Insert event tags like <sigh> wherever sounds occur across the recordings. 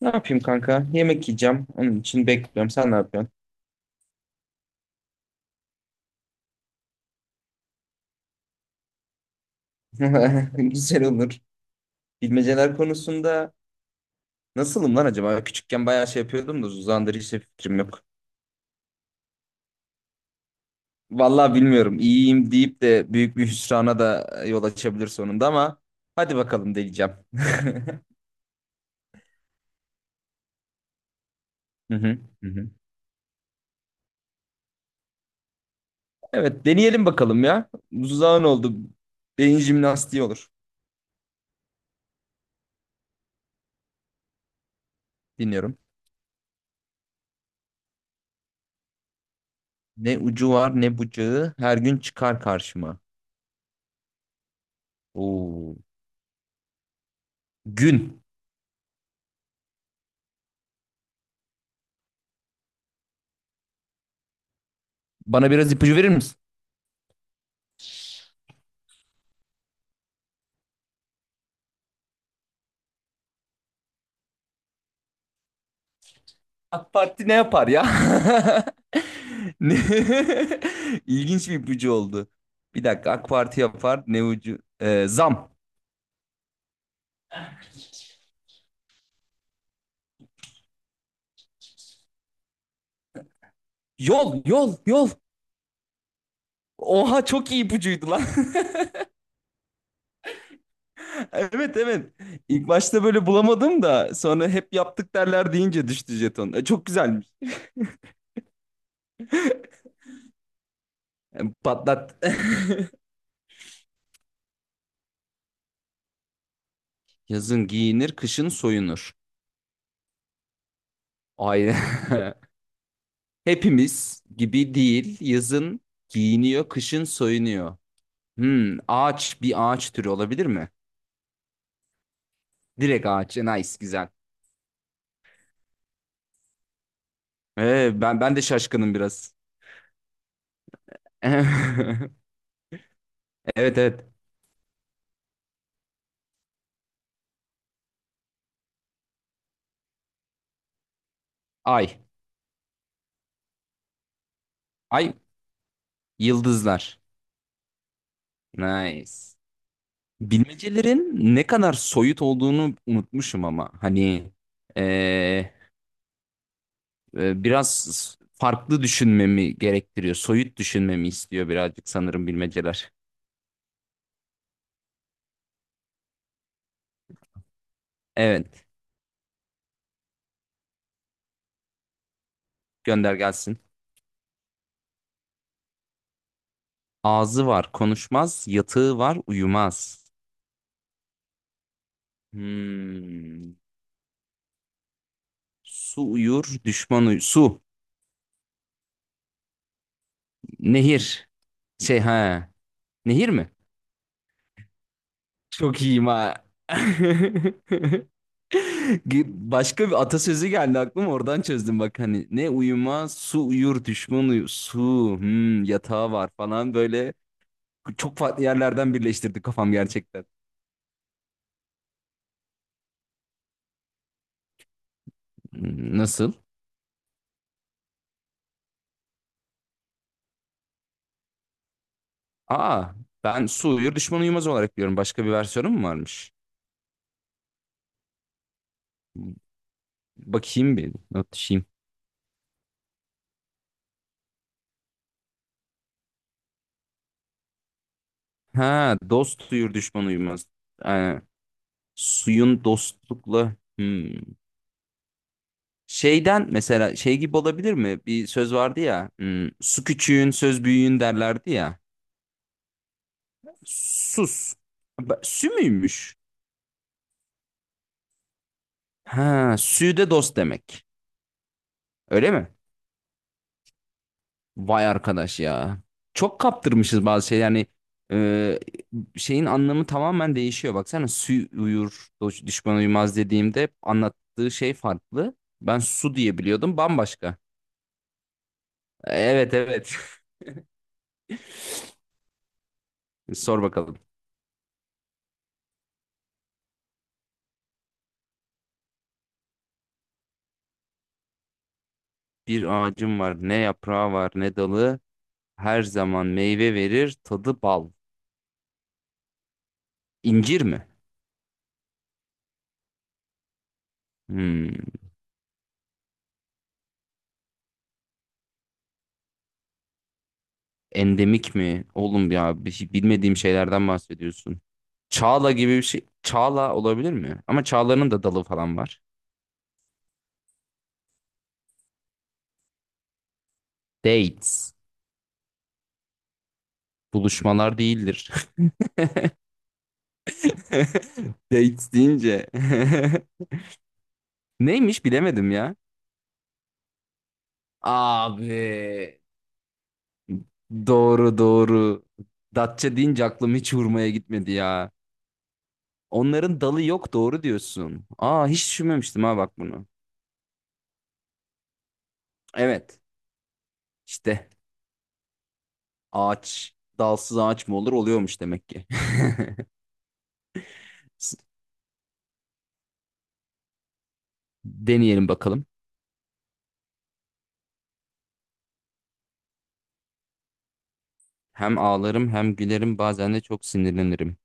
Ne yapayım kanka? Yemek yiyeceğim. Onun için bekliyorum. Sen ne yapıyorsun? <laughs> Güzel olur. Bilmeceler konusunda nasılım lan acaba? Küçükken bayağı şey yapıyordum da uzandır hiç de fikrim yok. Vallahi bilmiyorum. İyiyim deyip de büyük bir hüsrana da yol açabilir sonunda ama hadi bakalım deneyeceğim. <laughs> Hı hı, hı hı. Evet deneyelim bakalım ya. Uzağın oldu. Beyin jimnastiği olur. Dinliyorum. Ne ucu var ne bucağı her gün çıkar karşıma. Oo. Gün. Bana biraz ipucu verir misin? AK Parti ne yapar ya? <laughs> Ne? <laughs> İlginç bir ipucu oldu. Bir dakika AK Parti yapar ne ucu? Zam. Yol yol yol. Oha çok iyi ipucuydu lan. <laughs> Evet evet. İlk başta böyle bulamadım da sonra hep yaptık derler deyince düştü jeton. Çok güzelmiş. Patlat. <laughs> Yazın giyinir, kışın soyunur. Aynen. <laughs> Hepimiz gibi değil. Yazın giyiniyor, kışın soyunuyor. Ağaç bir ağaç türü olabilir mi? Direkt ağaç. Nice, güzel. Ben de şaşkınım biraz. <laughs> Evet evet. Ay. Ay yıldızlar. Nice. Bilmecelerin ne kadar soyut olduğunu unutmuşum ama ee, biraz farklı düşünmemi gerektiriyor. Soyut düşünmemi istiyor birazcık sanırım bilmeceler. Evet, gönder gelsin. Ağzı var, konuşmaz, yatığı var, uyumaz. Hmm. Su uyur, düşman uyur. Su, nehir. Şey ha. Nehir mi? Çok iyiyim ha. <laughs> Başka bir atasözü geldi aklıma oradan çözdüm bak hani ne uyuma su uyur düşman uyur su yatağı var falan böyle çok farklı yerlerden birleştirdi kafam gerçekten. Hmm, nasıl? Aa, ben su uyur düşman uyumaz olarak biliyorum. Başka bir versiyonu mu varmış? Bakayım, bir not düşeyim. Ha, dost uyur düşman uyumaz. Ee, Suyun dostlukla. Hmm. Şeyden mesela şey gibi olabilir mi? Bir söz vardı ya. Hmm, su küçüğün söz büyüğün derlerdi ya. Sus. Ba- Sü müymüş? Ha, sü de dost demek. Öyle mi? Vay arkadaş ya. Çok kaptırmışız bazı şey yani e, şeyin anlamı tamamen değişiyor. Baksana sü uyur, dost- düşman uyumaz dediğimde hep anlattığı şey farklı. Ben su diye biliyordum bambaşka. Evet evet. <laughs> Sor bakalım. Bir ağacım var, ne yaprağı var, ne dalı. Her zaman meyve verir, tadı bal. İncir mi? Hmm, endemik mi? Oğlum ya bir şey- bilmediğim şeylerden bahsediyorsun. Çağla gibi bir şey. Çağla olabilir mi? Ama çağlanın da dalı falan var. Dates. Buluşmalar değildir. <laughs> Dates deyince. <laughs> Neymiş bilemedim ya. Abi. Doğru doğru. Datça deyince aklım hiç hurmaya gitmedi ya. Onların dalı yok doğru diyorsun. Aa, hiç düşünmemiştim ha, bak bunu. Evet işte ağaç, dalsız ağaç mı olur? Oluyormuş demek ki. <laughs> Deneyelim bakalım. Hem ağlarım hem gülerim, bazen de çok sinirlenirim.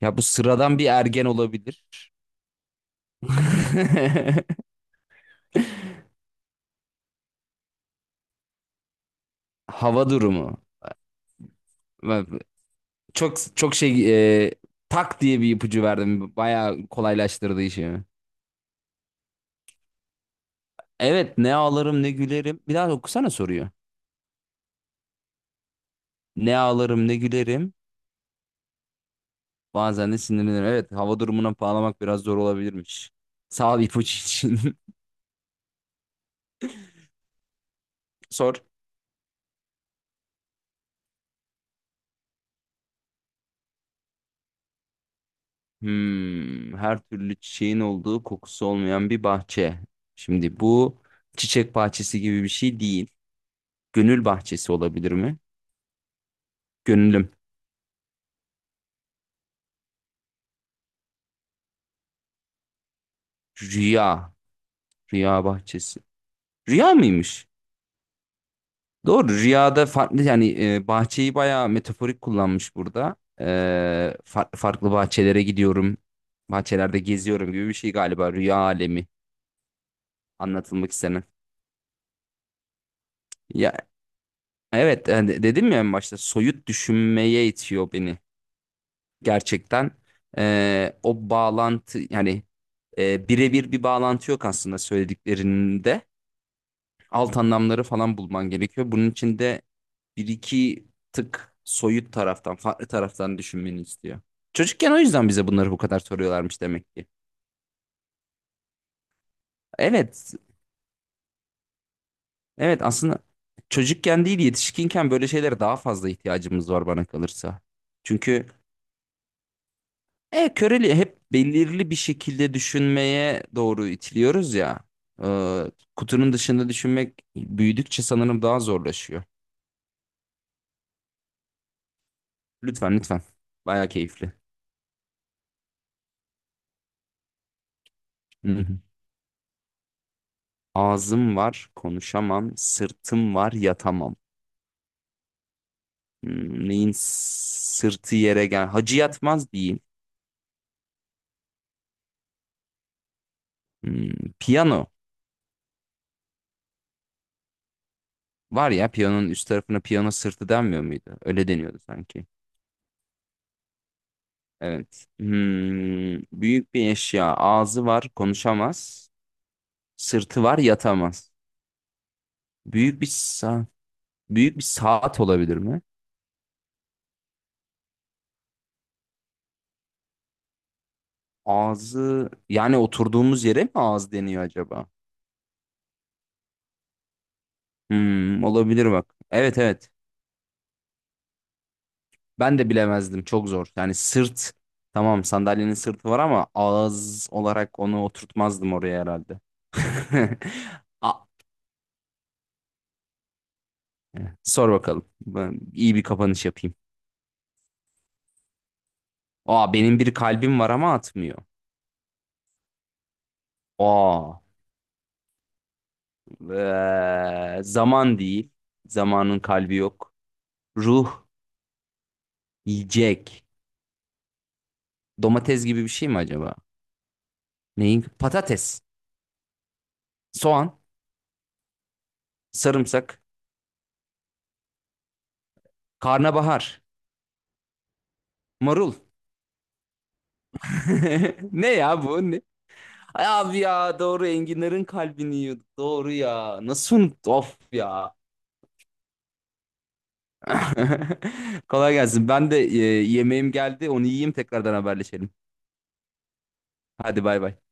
Ya, bu sıradan bir ergen olabilir. <laughs> Hava durumu. Bak, çok çok şey e, tak diye bir ipucu verdim. Bayağı kolaylaştırdı işimi. Evet, ne ağlarım ne gülerim. Bir daha okusana soruyor. Ne ağlarım ne gülerim. Bazen de sinirlenirim. Evet, hava durumuna bağlamak biraz zor olabilirmiş. Sağ ol ipucu için. <laughs> Sor. Hmm, her türlü çiçeğin olduğu, kokusu olmayan bir bahçe. Şimdi bu çiçek bahçesi gibi bir şey değil. Gönül bahçesi olabilir mi? Gönlüm. Rüya. Rüya bahçesi. Rüya mıymış? Doğru. Rüyada farklı yani, bahçeyi bayağı metaforik kullanmış burada. Farklı farklı bahçelere gidiyorum. Bahçelerde geziyorum gibi bir şey galiba. Rüya alemi. Anlatılmak istenen. Ya, evet, hani dedim ya en başta soyut düşünmeye itiyor beni gerçekten. O bağlantı yani birebir bir bağlantı yok aslında söylediklerinde. Alt anlamları falan bulman gerekiyor. Bunun için de bir iki tık soyut taraftan, farklı taraftan düşünmeni istiyor. Çocukken o yüzden bize bunları bu kadar soruyorlarmış demek ki. Evet, evet aslında çocukken değil yetişkinken böyle şeylere daha fazla ihtiyacımız var bana kalırsa. Çünkü köreli hep belirli bir şekilde düşünmeye doğru itiliyoruz ya. Ee, kutunun dışında düşünmek büyüdükçe sanırım daha zorlaşıyor. Lütfen lütfen. Baya keyifli. Hı hı. Ağzım var, konuşamam. Sırtım var, yatamam. Hmm, neyin sırtı yere gel. Hacı yatmaz diyeyim. Hmm, piyano. Var ya, piyanonun üst tarafına piyano sırtı denmiyor muydu? Öyle deniyordu sanki. Evet. Hmm, büyük bir eşya. Ağzı var, konuşamaz. Sırtı var, yatamaz. Büyük bir sa büyük bir saat olabilir mi? Ağzı yani oturduğumuz yere mi ağız deniyor acaba? Hmm, olabilir bak. Evet evet. Ben de bilemezdim. Çok zor. Yani sırt, tamam sandalyenin sırtı var ama ağız olarak onu oturtmazdım oraya herhalde. <laughs> A- Sor bakalım. Ben iyi bir kapanış yapayım. Aa, benim bir kalbim var ama atmıyor. Aa zaman değil. Zamanın kalbi yok. Ruh, yiyecek. Domates gibi bir şey mi acaba? Neyin? Patates, soğan, sarımsak, karnabahar, marul. <laughs> Ne ya bu? Ne? Ay abi ya doğru, enginlerin kalbini yiyordu. Doğru ya. Nasıl unuttu? Of ya. <laughs> Kolay gelsin. Ben de yemeğim geldi. Onu yiyeyim, tekrardan haberleşelim. Hadi bay bay.